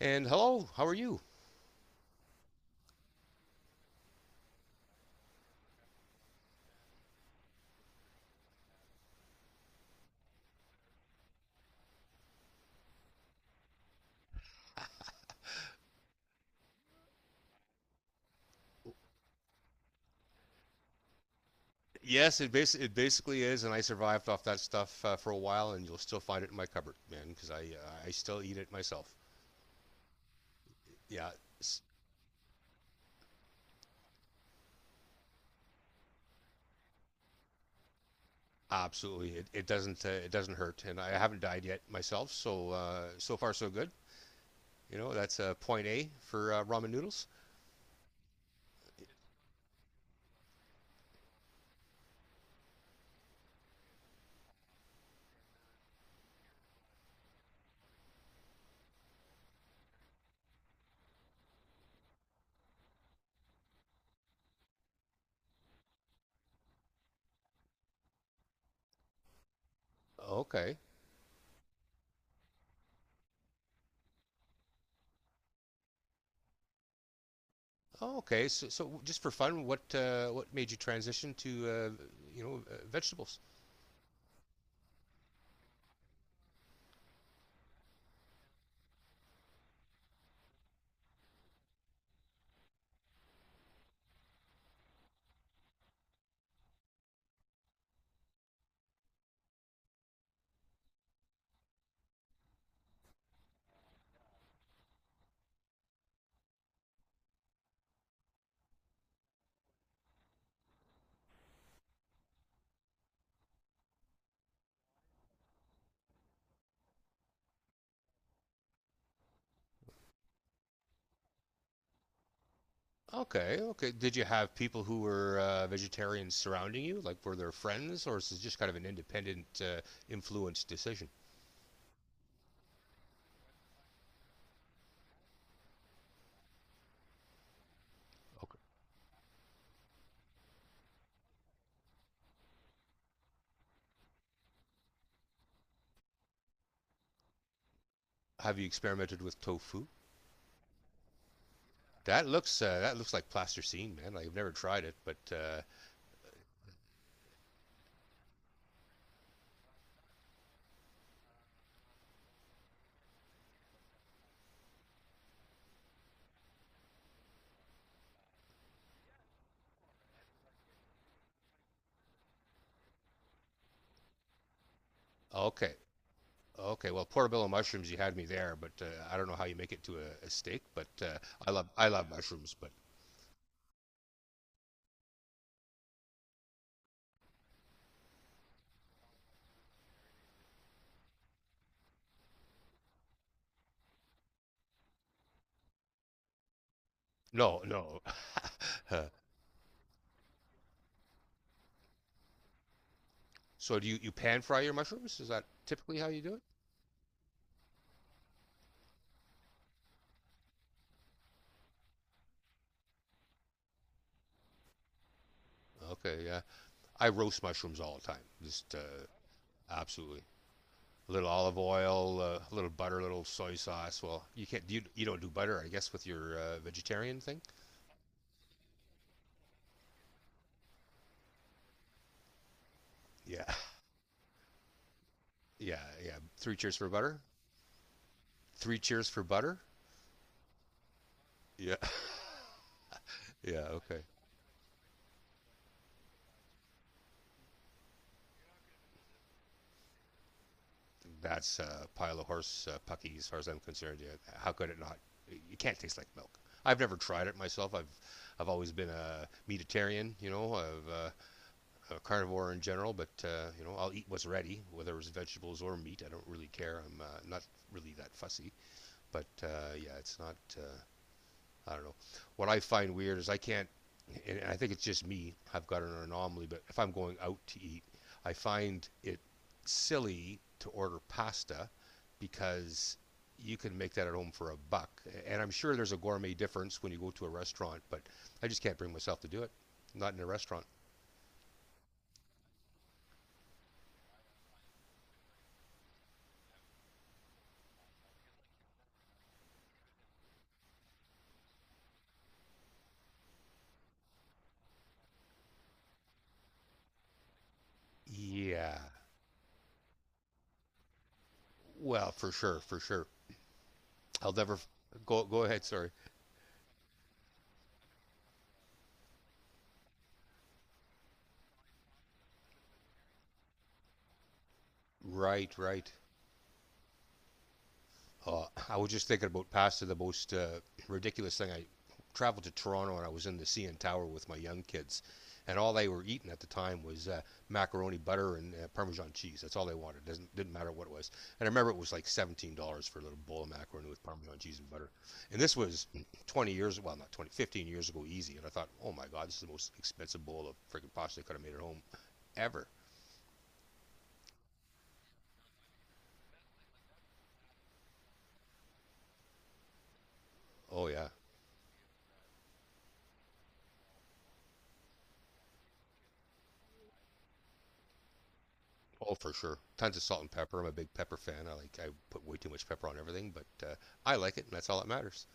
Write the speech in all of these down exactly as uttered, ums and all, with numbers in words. And hello, how are you? Yes, it, bas- it basically is, and I survived off that stuff uh, for a while, and you'll still find it in my cupboard, man, because I uh, I still eat it myself. Yeah, it's absolutely. It, it doesn't uh, it doesn't hurt, and I haven't died yet myself, so uh, so far so good. You know, that's uh, point A for uh, ramen noodles. Okay, oh, okay. So, so just for fun, what uh, what made you transition to uh, you know uh, vegetables? Okay, okay. Did you have people who were uh, vegetarians surrounding you? Like, were there friends, or is this just kind of an independent uh, influence decision? Okay. Have you experimented with tofu? That looks uh, that looks like plasticine, man. Like, I've never tried it, but uh, okay, okay. Well, portobello mushrooms, you had me there, but uh, I don't know how you make it to a, a steak. But uh, I love I love mushrooms, but no, no. Uh, so do you you pan fry your mushrooms? Is that typically how you do it? Okay, yeah. I roast mushrooms all the time. Just uh, absolutely. A little olive oil, uh, a little butter, a little soy sauce. Well, you can't. You, you don't do butter, I guess, with your uh, vegetarian thing. Yeah. Yeah. Yeah. Three cheers for butter. Three cheers for butter. Yeah. Yeah. Okay. That's a pile of horse uh, pucky, as far as I'm concerned. Yeah. How could it not? It can't taste like milk. I've never tried it myself. I've I've always been a meatitarian. You know, I've uh, uh, carnivore in general, but uh, you know I'll eat what's ready, whether it's vegetables or meat. I don't really care. I'm uh, not really that fussy. But uh, yeah, it's not. Uh, I don't know. What I find weird is I can't, and I think it's just me. I've got an anomaly, but if I'm going out to eat, I find it silly to order pasta because you can make that at home for a buck. And I'm sure there's a gourmet difference when you go to a restaurant, but I just can't bring myself to do it. Not in a restaurant. Yeah, well, for sure, for sure. I'll never go. Go ahead. Sorry. Right, right. Uh, I was just thinking about pasta. The most uh, ridiculous thing. I traveled to Toronto and I was in the C N Tower with my young kids, and all they were eating at the time was uh, macaroni butter and uh, Parmesan cheese. That's all they wanted. Doesn't Didn't matter what it was. And I remember it was like seventeen dollars for a little bowl of macaroni with Parmesan cheese and butter. And this was twenty years. Well, not twenty, fifteen years ago, easy. And I thought, oh my God, this is the most expensive bowl of freaking pasta I could have made at home ever. Oh yeah, oh, for sure. Tons of salt and pepper. I'm a big pepper fan. I like I put way too much pepper on everything, but uh, I like it, and that's all that matters.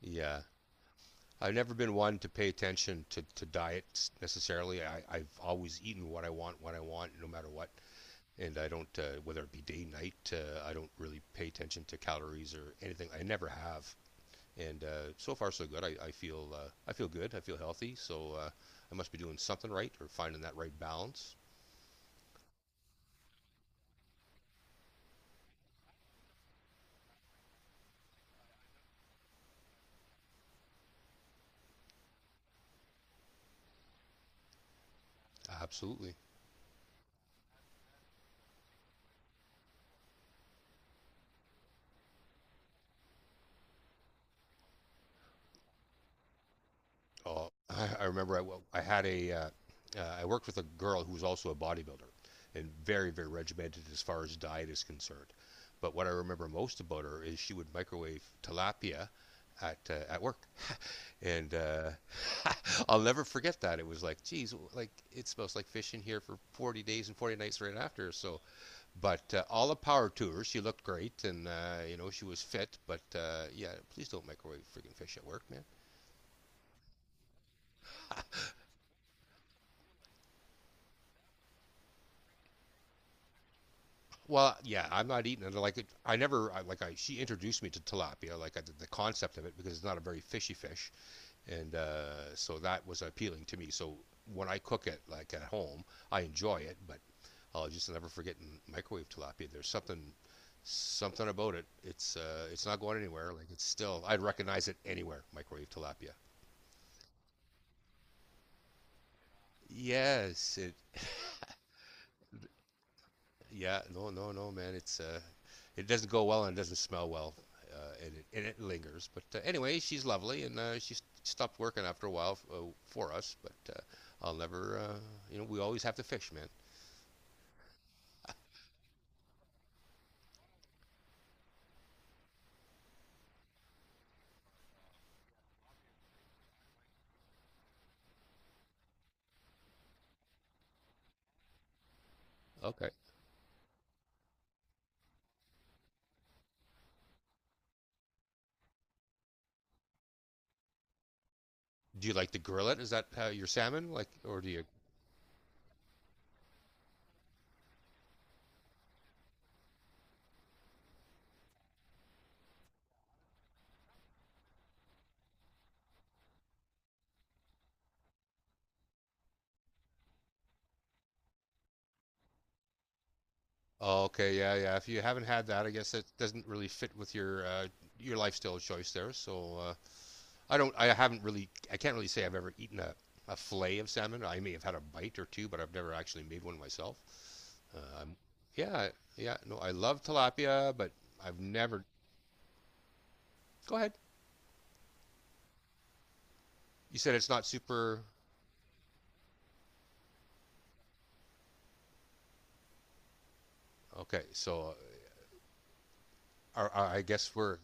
Yeah, I've never been one to pay attention to to diets necessarily. I, I've always eaten what I want, when I want, no matter what. And I don't, uh, whether it be day, night, uh, I don't really pay attention to calories or anything. I never have. And uh, so far, so good. I, I feel uh, I feel good. I feel healthy. So uh, I must be doing something right or finding that right balance. Absolutely. Oh, I, I remember I, well, I had a, uh, uh, I worked with a girl who was also a bodybuilder and very, very regimented as far as diet is concerned. But what I remember most about her is she would microwave tilapia at uh, at work, and uh, I'll never forget that. It was like, geez, like it smells like fish in here for forty days and forty nights right after. So, but uh, all the power to her. She looked great, and uh, you know she was fit. But uh, yeah, please don't microwave freaking fish at work, man. Well, yeah, I'm not eating it. Like I never I, like I. She introduced me to tilapia, like I, the concept of it, because it's not a very fishy fish, and uh, so that was appealing to me. So when I cook it, like at home, I enjoy it, but I'll just never forget in microwave tilapia. There's something, something about it. It's uh, it's not going anywhere. Like it's still, I'd recognize it anywhere. Microwave tilapia. Yes, it yeah, no, no, no, man. It's uh, it doesn't go well and it doesn't smell well, uh, and, it, and it lingers. But uh, anyway, she's lovely, and uh, she st- stopped working after a while f- uh, for us. But uh, I'll never, uh, you know, we always have to fish, man. Okay. Do you like to grill it? Is that uh, your salmon, like, or do you? Oh, okay, yeah, yeah. If you haven't had that, I guess that doesn't really fit with your uh, your lifestyle choice there. So uh, I don't. I haven't really. I can't really say I've ever eaten a, a fillet of salmon. I may have had a bite or two, but I've never actually made one myself. Um, yeah, yeah. No, I love tilapia, but I've never. Go ahead. You said it's not super. Okay, so uh, I I guess we're.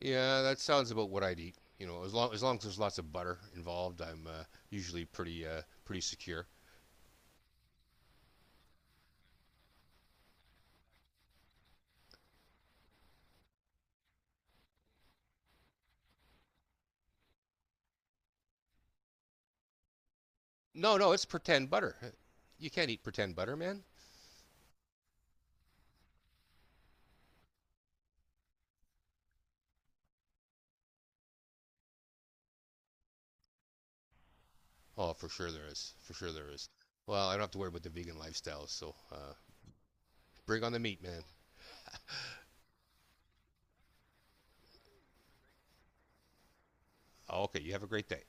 Yeah, that sounds about what I'd eat. You know, as long as long as there's lots of butter involved, I'm uh, usually pretty uh, pretty secure. No, no, it's pretend butter. You can't eat pretend butter, man. Oh, for sure there is. For sure there is. Well, I don't have to worry about the vegan lifestyle. So uh, bring on the meat, man. Okay, you have a great day.